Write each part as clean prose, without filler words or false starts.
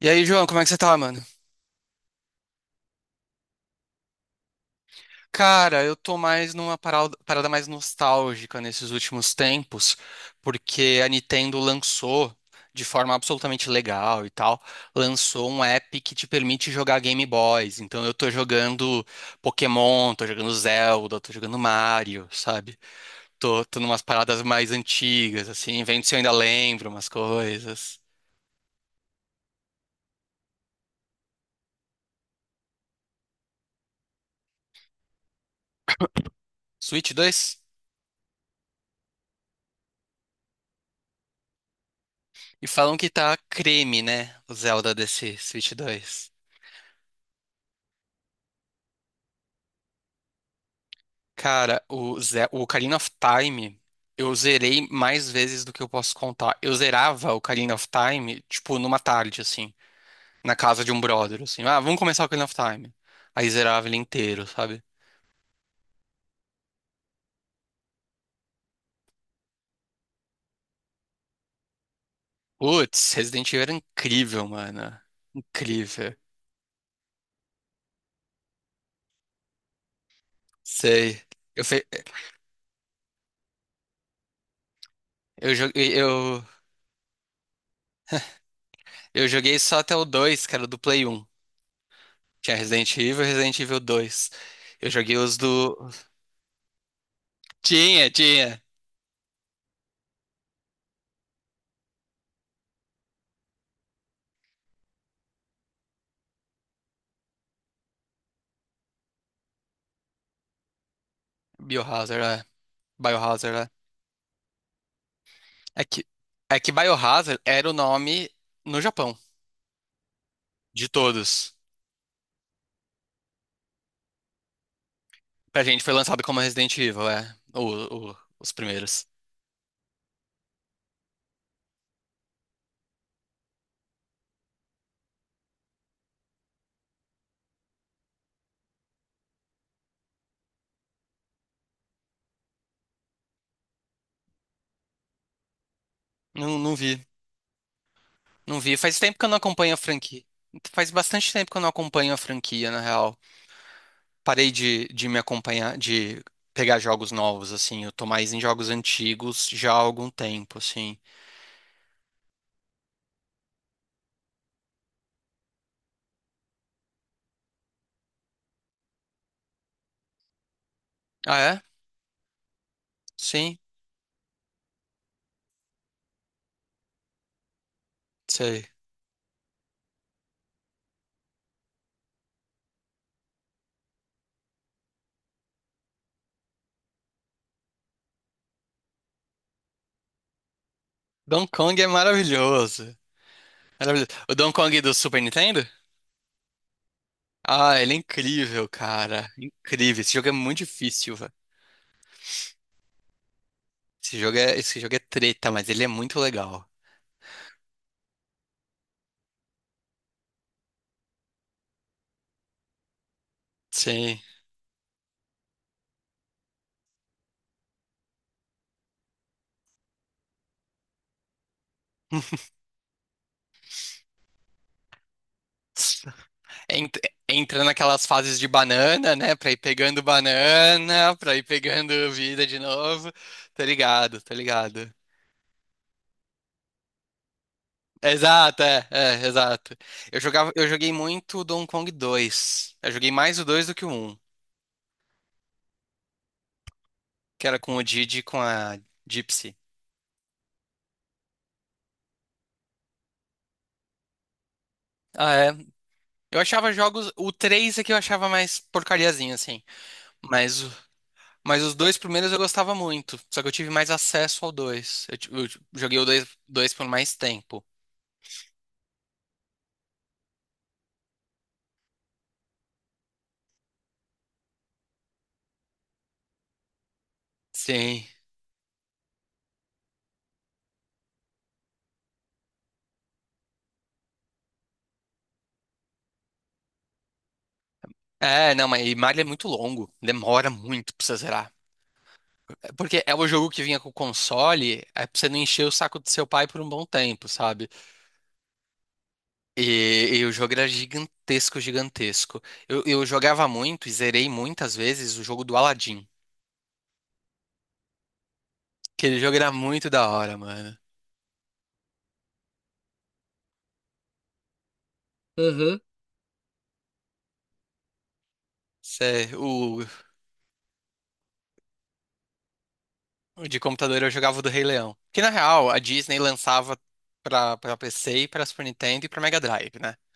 E aí, João, como é que você tá, mano? Cara, eu tô mais numa parada mais nostálgica nesses últimos tempos, porque a Nintendo lançou, de forma absolutamente legal e tal, lançou um app que te permite jogar Game Boys. Então eu tô jogando Pokémon, tô jogando Zelda, tô jogando Mario, sabe? Tô numas paradas mais antigas, assim, vendo se eu ainda lembro umas coisas. Switch dois. E falam que tá creme, né? O Zelda desse Switch dois. Cara, o Ocarina of Time, eu zerei mais vezes do que eu posso contar. Eu zerava o Ocarina of Time, tipo, numa tarde, assim, na casa de um brother, assim. Ah, vamos começar o Ocarina of Time. Aí zerava ele inteiro, sabe? Putz, Resident Evil era incrível, mano. Incrível. Sei. Eu, fe... eu, joguei, eu, eu joguei só até o 2, que era do Play 1. Tinha Resident Evil e Resident Evil 2. Eu joguei Tinha, tinha. Biohazard, é. Biohazard, é. É que, é que Biohazard era o nome no Japão, de todos. Pra gente foi lançado como Resident Evil, é. Os primeiros. Não, não vi. Não vi. Faz tempo que eu não acompanho a franquia. Faz bastante tempo que eu não acompanho a franquia, na real. Parei de me acompanhar, de pegar jogos novos, assim. Eu tô mais em jogos antigos já há algum tempo, assim. Ah, é? Sim, sei. Donkey Kong é maravilhoso. Maravilhoso. O Donkey Kong do Super Nintendo? Ah, ele é incrível, cara. Incrível. Esse jogo é muito difícil, velho. Esse jogo é treta, mas ele é muito legal. Sim. É Ent- Entra naquelas fases de banana, né? Pra ir pegando banana, pra ir pegando vida de novo. Tô ligado, tô ligado. Exato, é, é, exato. Eu joguei muito o Donkey Kong dois. Eu joguei mais o 2 do que o um, que era com o Didi e com a Gypsy. Ah, é? Eu achava jogos. O 3 é que eu achava mais porcariazinho, assim. Mas, o- mas os dois primeiros eu gostava muito. Só que eu tive mais acesso ao 2. Joguei o dois por mais tempo. Sim. É, não, mas e Mario é muito longo. Demora muito pra você zerar. É. Porque é o jogo que vinha com o console, é pra você não encher o saco do seu pai por um bom tempo, sabe? E o jogo era gigantesco. Eu jogava muito e zerei muitas vezes o jogo do Aladdin. Aquele jogo era muito da hora, mano. Cê- o, o de computador eu jogava o do Rei Leão. Que na real, a Disney lançava pra PC, e pra Super Nintendo e pra Mega Drive, né?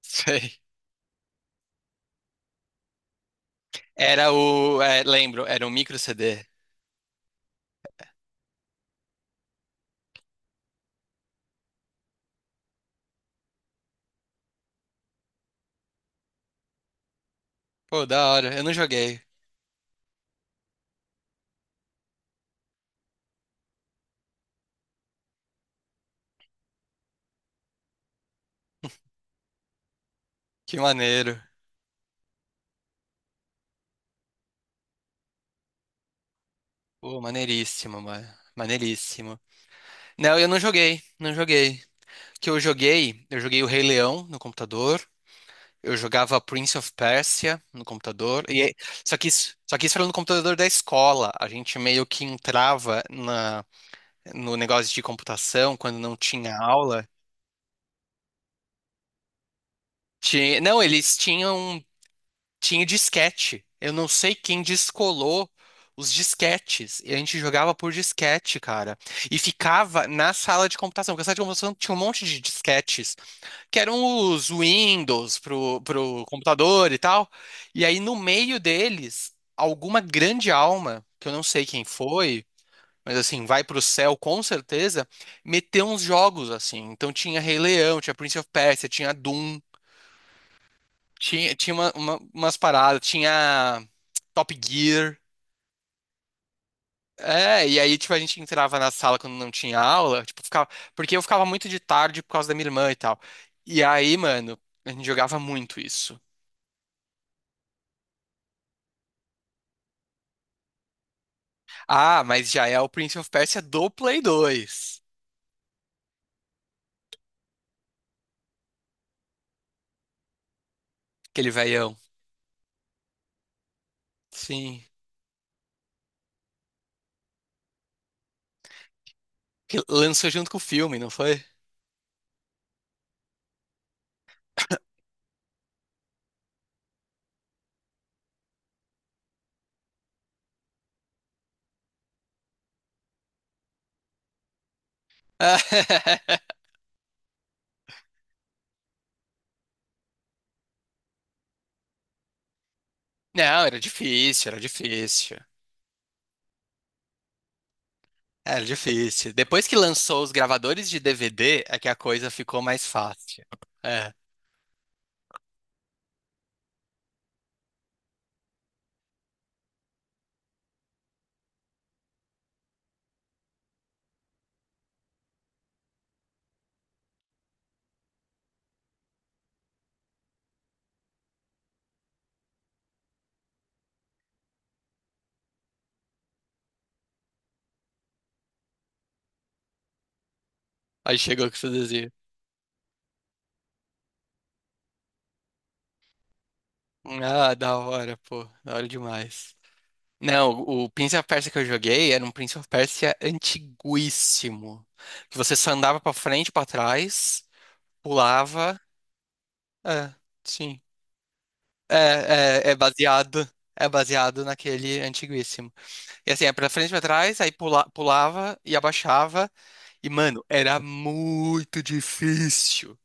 Sei. Era o. é, lembro, era um micro CD. Pô, da hora, eu não joguei. Que maneiro. Pô, maneiríssimo, mano. Maneiríssimo. Não, eu não joguei, não joguei. O Que eu joguei o Rei Leão no computador. Eu jogava Prince of Persia no computador. Só que isso era no computador da escola. A gente meio que entrava na no negócio de computação, quando não tinha aula. Tinha... Não, eles tinham. Tinha disquete. Eu não sei quem descolou os disquetes. E a gente jogava por disquete, cara. E ficava na sala de computação, porque a sala de computação tinha um monte de disquetes, que eram os Windows pro computador e tal. E aí, no meio deles, alguma grande alma, que eu não sei quem foi, mas assim, vai pro céu com certeza, meter uns jogos assim. Então tinha Rei Leão, tinha Prince of Persia, tinha Doom, tinha, umas paradas, tinha Top Gear. É, e aí, tipo, a gente entrava na sala quando não tinha aula, tipo, ficava, porque eu ficava muito de tarde por causa da minha irmã e tal. E aí, mano, a gente jogava muito isso. Ah, mas já é o Prince of Persia do Play 2, aquele velhão. Sim. Que lançou junto com o filme, não foi? Não, era difícil, era difícil. Era difícil. Depois que lançou os gravadores de DVD, é que a coisa ficou mais fácil. É, aí chegou que fazia. Ah, da hora, pô, da hora demais. Não, o Prince of Persia que eu joguei era um Prince of Persia antiguíssimo. Que você só andava pra frente e pra trás, pulava. É, sim. É baseado. É baseado naquele antiguíssimo. E assim, é pra frente e pra trás, pulava e abaixava. E, mano, era muito difícil.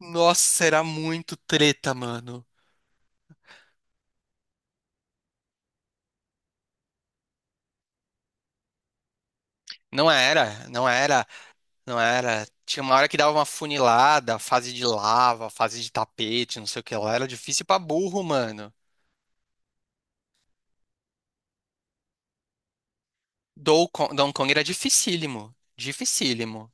Nossa, era muito treta, mano. Não era, não era, não era. Tinha uma hora que dava uma funilada, fase de lava, fase de tapete, não sei o que lá. Era difícil pra burro, mano. Dou- Donkey Kong era dificílimo. Dificílimo.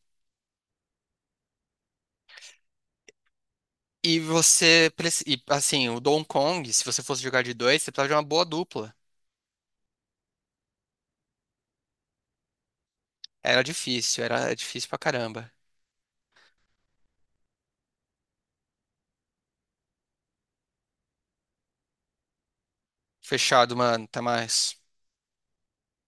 Assim, o Donkey Kong, se você fosse jogar de dois, você precisava de uma boa dupla. Era difícil pra caramba. Fechado, mano. Até mais.